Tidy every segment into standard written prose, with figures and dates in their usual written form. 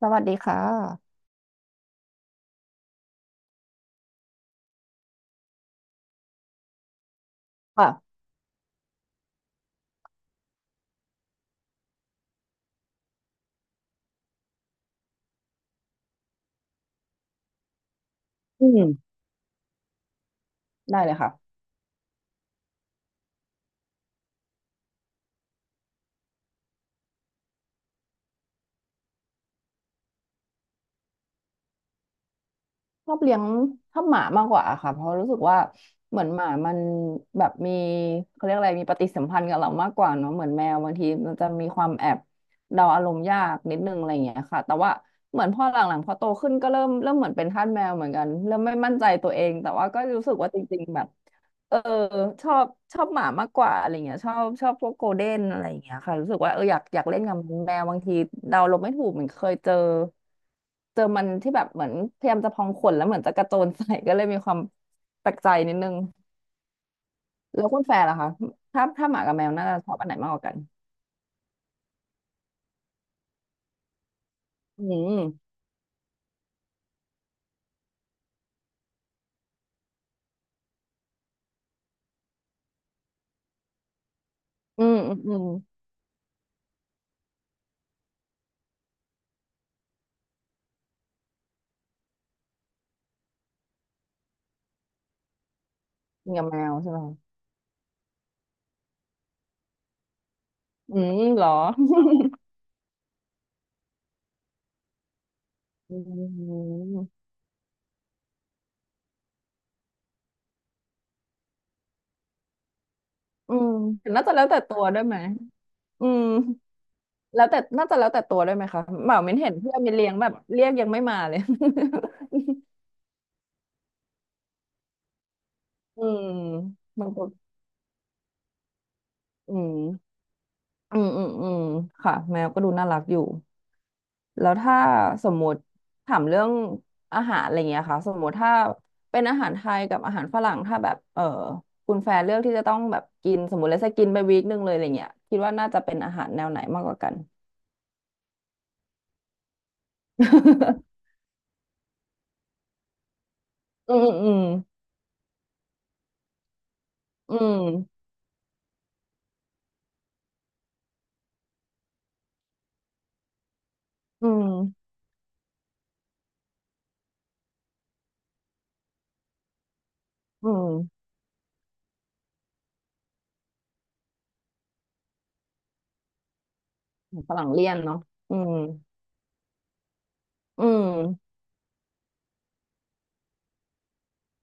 สวัสดีค่ะค่ะอืมได้เลยค่ะชอบเลี้ยงชอบหมามากกว่าค่ะเพราะรู้สึกว่าเหมือนหมามันแบบมีเขาเรียกอะไรมีปฏิสัมพันธ์กับเรามากกว่าเนาะเหมือนแมวบางทีมันจะมีความแอบเดาอารมณ์ยากนิดนึงอะไรอย่างเงี้ยค่ะแต่ว่าเหมือนพอหลังๆพอโตขึ้นก็เริ่มเหมือนเป็นทาสแมวเหมือนกันเริ่มไม่มั่นใจตัวเองแต่ว่าก็รู้สึกว่าจริงๆแบบ เออชอบชอบหมามากกว่าอะไรเงี้ยชอบพวกโกลเด้นอะไรอย่างเงี้ยค่ะรู้สึกว่าเอออยากเล่นกับแมวบางทีเดาลมไม่ถูกเหมือนเคยเจอมันที่แบบเหมือนพยายามจะพองขนแล้วเหมือนจะกระโจนใส่ก็เลยมีความแปลกใจนิดนึงแล้วคุณแฟร์ล่ะคะถ้าหมากับแมวน่าจะชอบอันไหนมากกว่ากันอืมอืมกินกับแมวใช่ไหมอืมเหรออืมอืมน่าจะแล้วแต่ตัวด้วยไหมอืม แล้วแต่น่าจะแล้วแต่ตัวด้วยไหมคะเหมามินเห็นเพื่อนมินเลี้ยงแบบ เรียกยังไม่มาเลย อืมบางคนอืมอืมค่ะแมวก็ดูน่ารักอยู่แล้วถ้าสมมติถามเรื่องอาหารอะไรเงี้ยค่ะสมมติถ้าเป็นอาหารไทยกับอาหารฝรั่งถ้าแบบเออคุณแฟนเลือกที่จะต้องแบบกินสมมติแล้วจะกินไปวีคหนึ่งเลยอะไรเงี้ยคิดว่าน่าจะเป็นอาหารแนวไหนมากกว่ากัน อืม อืมอืมอืมอืมฝรั่งเลี่ยนเนาะอืม อืม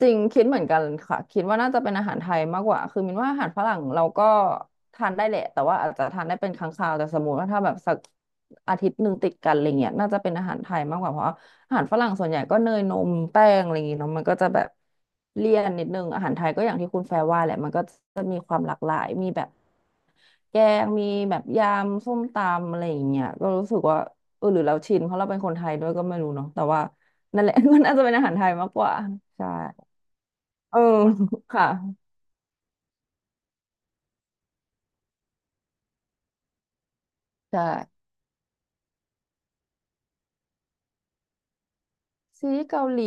จริงคิดเหมือนกันค่ะคิดว่าน่าจะเป็นอาหารไทยมากกว่าคือมินว่าอาหารฝรั่งเราก็ทานได้แหละแต่ว่าอาจจะทานได้เป็นครั้งคราวแต่สมมติว่าถ้าแบบสักอาทิตย์หนึ่งติดกันอะไรเงี้ยน่าจะเป็นอาหารไทยมากกว่าเพราะอาหารฝรั่งส่วนใหญ่ก็เนยนมแป้งอะไรอย่างงี้เนาะมันก็จะแบบเลี่ยนนิดนึงอาหารไทยก็อย่างที่คุณแฟร์ว่าแหละมันก็จะมีความหลากหลายมีแบบแกงมีแบบยำส้มตำอะไรอย่างเงี้ยก็รู้สึกว่าเออหรือเราชินเพราะเราเป็นคนไทยด้วยก็ไม่รู้เนาะแต่ว่านั่นแหละ ก็น่าจะเป็นอาหารไทยมากกว่าใช่ เออ ค่ะใช่ซีรีส์เกาหลี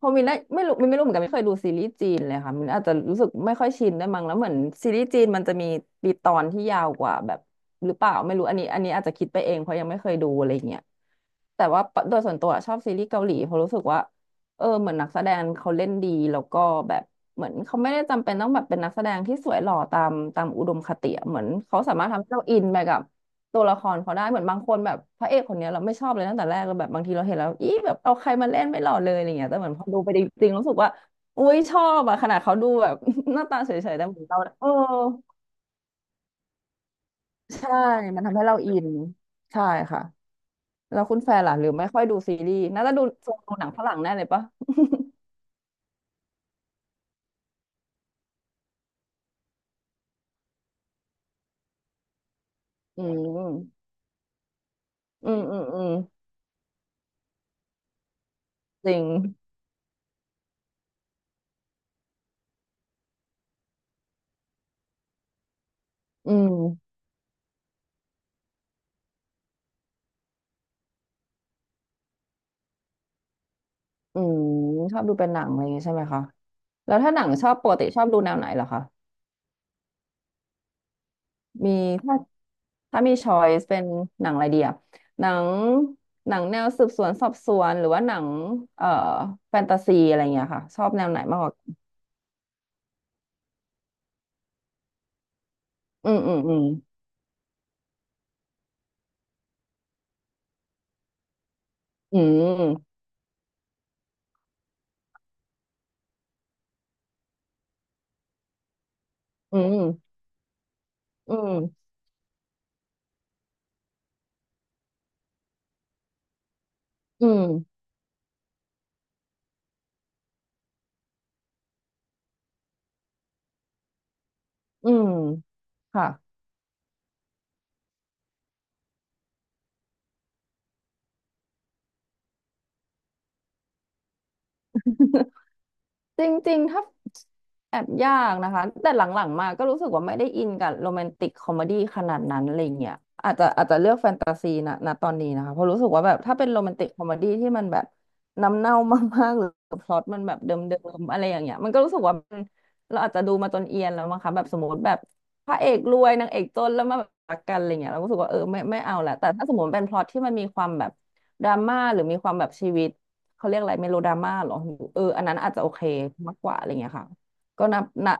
พอมินได้ไม่รู้มินไม่รู้เหมือนกันไม่เคยดูซีรีส์จีนเลยค่ะมินอาจจะรู้สึกไม่ค่อยชินได้วยมั้งแล้วเหมือนซีรีส์จีนมันจะมีปีตอนที่ยาวกว่าแบบหรือเปล่าไม่รู้อันนี้อาจจะคิดไปเองเพราะยังไม่เคยดูอะไรเงี้ยแต่ว่าโดยส่วนตัวชอบซีรีส์เกาหลีเพราะรู้สึกว่าเออเหมือนนักแสดงเขาเล่นดีแล้วก็แบบเหมือนเขาไม่ได้จำเป็นต้องแบบเป็นนักแสดงที่สวยหล่อตามอุดมคติอะเหมือนเขาสามารถทำให้เราอินไปกับ ตัวละครเขาได้เหมือนบางคนแบบพระเอกคนเนี้ยเราไม่ชอบเลยตั้งแต่แรกเราแบบบางทีเราเห็นแล้วอีแบบเอาใครมาเล่นไม่หล่อเลยอะไรเงี้ยแต่เหมือนพอดูไปจริงๆรู้สึกว่าอุ้ยชอบอะขนาดเขาดูแบบ หน้าตาเฉยๆแต่เหมือนเราเออใช่มันทำให้เราอินใช่ค่ะแล้วคุณแฟนล่ะหรือไม่ค่อยดูซีรีส์น่าจะดูดูหนังฝรั่งแน่เลยปะอืมอืมจริงอืมอืมชอบดูเป็นหนังอะไรอย่างงี้ใช่ไหมคะแล้วถ้าหนังชอบปกติชอบดูแนวไหนเหรอคะ มีถ้าถ้ามีช้อยส์เป็นหนังอะไรดีอะหนังหนังแนวสืบสวนสอบสวนหรือว่าหนังเอ่อแฟนตาซีอะไรเงี้ยค่ะชอบแนวไหนมากกว่าอืมอืมอืมอืมอืมอืมอืมอืมอืมค่ะ จริงๆ ถ้าแอบยากนะคะแต่หลังๆมาก็รู้สึกว่าไม่ได้อินกับโรแมนติกคอมเมดี้ขนาดนั้นอะไรเงี้ยอาจจะเลือกแฟนตาซีนะณตอนนี้นะคะเพราะรู้สึกว่าแบบถ้าเป็นโรแมนติกคอมเมดี้ที่มันแบบน้ำเน่ามากๆหรือพล็อตมันแบบเดิมๆอะไรอย่างเงี้ยมันก็รู้สึกว่ามันเราอาจจะดูมาจนเอียนแล้วมั้งคะแบบสมมติแบบพระเอกรวยนางเอกจนแล้วมาแบบรักกันอะไรเงี้ยเราก็รู้สึกว่าเออไม่เอาแหละแต่ถ้าสมมติเป็นพล็อตที่มันมีความแบบดราม่าหรือมีความแบบชีวิต เขาเรียกอะไรเมโลดราม่าเหรอเอออันนั้นอาจจะโอเคมากกว่าอะไรเงี้ยค่ะก็นับนะ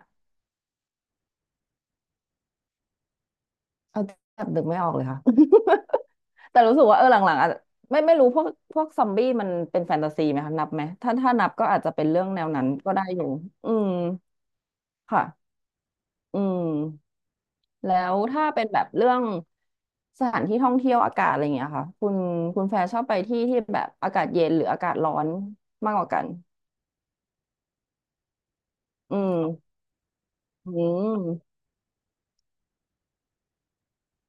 เอาแบบนึกไม่ออกเลยค่ะ แต่รู้สึกว่าเออหลังๆอาจจะไม่รู้พวกซอมบี้มันเป็นแฟนตาซีไหมคะนับไหมถ้านับก็อาจจะเป็นเรื่องแนวนั้นก็ได้อยู่อืมค่ะอืมแล้วถ้าเป็นแบบเรื่องสถานที่ท่องเที่ยวอากาศอะไรอย่างเงี้ยค่ะคุณแฟร์ชอบไปที่ที่แบบอากาศเย็นหรืออากาศร้อนมากกว่ากันอืมอืม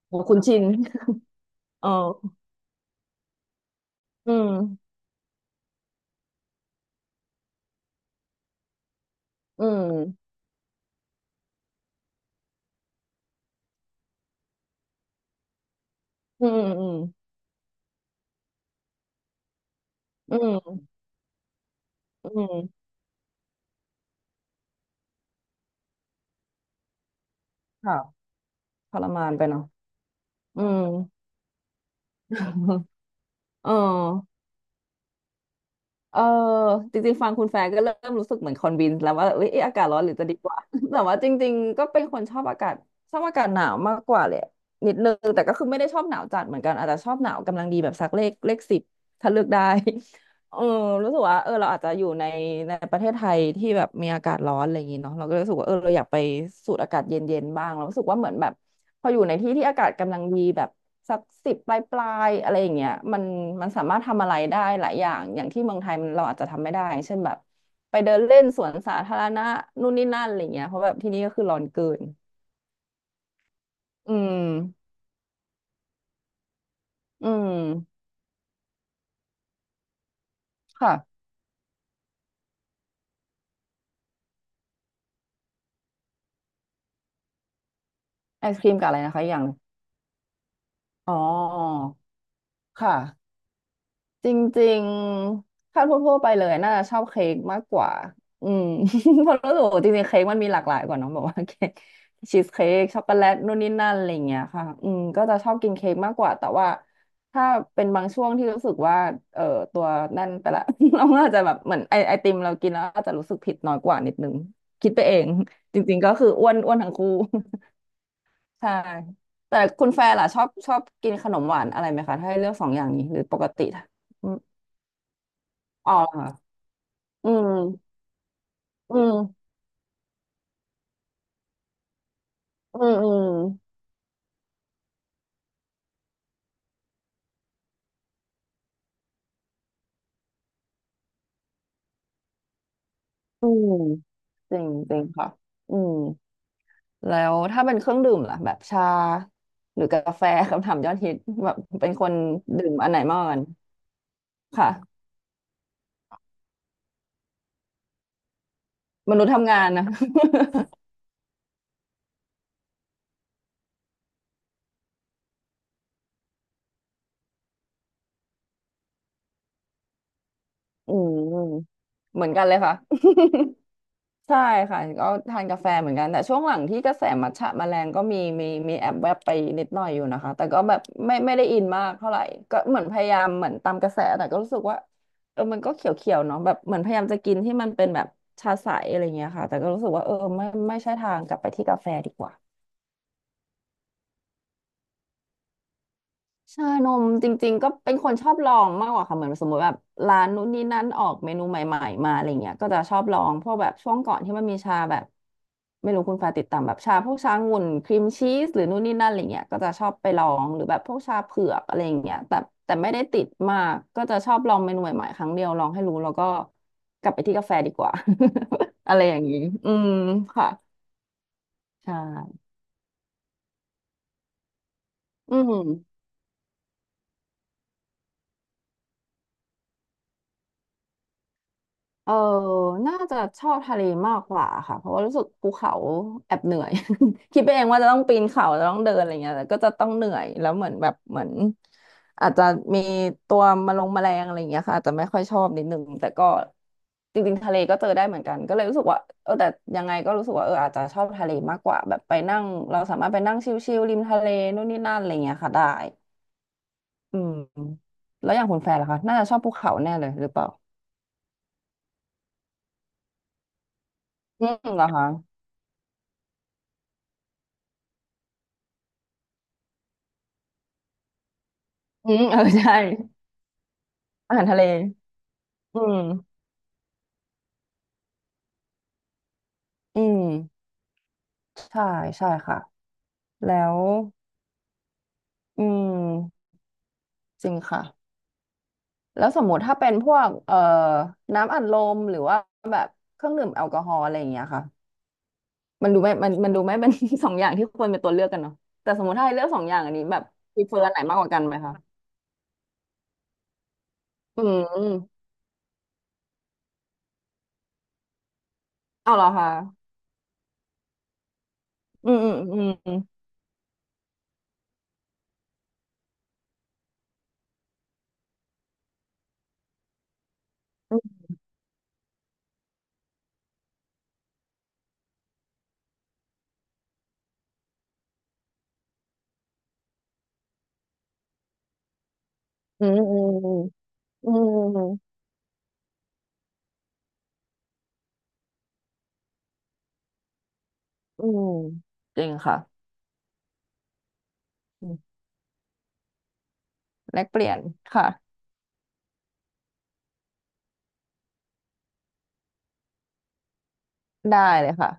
โอ้คุณชิน เอออืม อืมอืมอืมอืมอืมค่ะทรมานไปเนาะอืม เออเออจริงๆ ฟังคุณแฟร์ก็เริ่มรู้สึกเหมือนคอนวินแล้วว่าเอ้ยเอ๊ะอากาศร้อนหรือจะดีกว่า แต่ว่าจริงๆ ก็เป็นคนชอบอากาศชอบอากาศหนาวมากกว่าเลยนิดนึงแต่ก็คือไม่ได้ชอบหนาวจัดเหมือนกัน อาจจะชอบหนาวกำลังดีแบบสักเลขสิบถ้าเลือกได้ เออรู้สึกว่าเออเราอาจจะอยู่ในในประเทศไทยที่แบบมีอากาศร้อนอะไรอย่างงี้เนาะเราก็รู้สึกว่าเออเราอยากไปสูดอากาศเย็นๆบ้างเรารู้สึกว่าเหมือนแบบ พออยู่ในที่ที่อากาศกำลังดีแบบสักสิบปลายอะไรอย่างเงี้ยมันมันสามารถทำอะไรได้หลายอย่างอย่างที่เมืองไทยมันเราอาจจะทำไม่ได้เช่นแบบไปเดินเล่นสวนสาธารณะนู่นนี่นั่นอะไรเงี้ยเพราะแบบที่นี่ก็คือร้อนเกินอืมอืมค่ะไอศครีมกับอะไรนะคะอย่างอ๋อค่ะ จริงๆถ้าทั่วๆไปเลยน่าจะชอบเค้กมากกว่าอืม เพราะรู้สึกว่าจริงๆเค้กมันมีหลากหลายกว่าเนองแบบว่าเค้กชีสเค้กช็อกโกแลตนู่นนี่นั่นอะไรอย่างเงี้ยค่ะอืมก็จะชอบกินเค้กมากกว่าแต่ว่าถ้าเป็นบางช่วงที่รู้สึกว่าเอ่อตัวนั่นไปละ เราก็อาจจะแบบเหมือนไอติมเรากินแล้วอาจจะรู้สึกผิดน้อยกว่านิดนึงคิดไปเองจริงๆก็คืออ้วนทั้งคู่ ใช่แต่คุณแฟร์ล่ะชอบกินขนมหวานอะไรไหมคะถ้าให้เลือกสองอย่างนี้หรือปกติอื อ๋อค่ะออืม อืม อืม อืม อืม จริงจริงค่ะ อืม แล้วถ้าเป็นเครื่องดื่มล่ะแบบชาหรือกาแฟ คำถามยอดฮิตแบบเป็นคนดื่มอันไหนมากกว่ากันค่ะมนุษย์ทำงานนะ อืมเหมือนกันเลยค่ะ ใช่ค่ะก็ทานกาแฟเหมือนกันแต่ช่วงหลังที่กระแสมัทฉะมาแรงก็มีแอบแวบไปนิดหน่อยอยู่นะคะแต่ก็แบบไม่ได้อินมากเท่าไหร่ก็เหมือนพยายามเหมือนตามกระแสแต่ก็รู้สึกว่าเออมันก็เขียวๆเนาะแบบเหมือนพยายามจะกินที่มันเป็นแบบชาใสอะไรเงี้ยค่ะแต่ก็รู้สึกว่าเออไม่ใช่ทางกลับไปที่กาแฟดีกว่า ชานมจริงๆก็เป็นคนชอบลองมากกว่าค่ะเหมือนสมมติแบบร้านนู้นนี่นั่นออกเมนูใหม่ๆมาอะไรเงี้ยก็จะชอบลองเพราะแบบช่วงก่อนที่มันมีชาแบบไม่รู้คุณฟ้าติดตามแบบชาพวกชางุ่นครีมชีสหรือนู่นนี่นั่นอะไรเงี้ยก็จะชอบไปลองหรือแบบพวกชาเผือกอะไรเงี้ยแต่แต่ไม่ได้ติดมากก็จะชอบลองเมนูใหม่ๆครั้งเดียวลองให้รู้แล้วก็กลับไปที่กาแฟดีกว่า อะไรอย่างนี้อืมค่ะใช่อืม เออน่าจะชอบทะเลมากกว่าค่ะ เพราะว่ารู้สึกภูเขาแอบเหนื่อย คิดไปเองว่าจะต้องปีนเขาจะต้องเดินอะไรเงี้ยแต่ก็จะต้องเหนื่อยแล้วเหมือนแบบเหมือนอาจจะมีตัวมาลงแมลงอะไรเงี้ยค่ะอาจจะไม่ค่อยชอบนิดนึงแต่ก็จริงๆทะเลก็เจอได้เหมือนกันก็เลยรู้สึกว่าเออแต่ยังไงก็รู้สึกว่าเอออาจจะชอบทะเลมากกว่าแบบไปนั่งเราสามารถไปนั่งชิลๆริมทะเลนู่นนี่นั่นอะไรเงี้ยค่ะได้อืมแล้วอย่างคุณแฟนล่ะคะน่าจะชอบภูเขาแน่เลยหรือเปล่าอืมเหรอคะ อืมเออใช่อาหารทะเลอืมอืมใช่ใช่ค่ะแล้วอืมจริงค่ะแล้วสมมติถ้าเป็นพวกน้ำอัดลมหรือว่าแบบเครื่องดื่มแอลกอฮอล์อะไรอย่างเงี้ยค่ะมันดูไม่มันดูไม่ เป็น สองอย่างที่ควรเป็นตัวเลือกกันเนาะแต่สมมติถ้าให้เลือกสองอย่างอันนี้แบบพรเฟอร์อันไหนมากกว่ากันไหมคะอืมเอาเหรอคะอืมอืมอืมอืมอืมอืมอืมอืมจริงค่ะแลกเปลี่ยนค่ะ ได้เลยค่ะ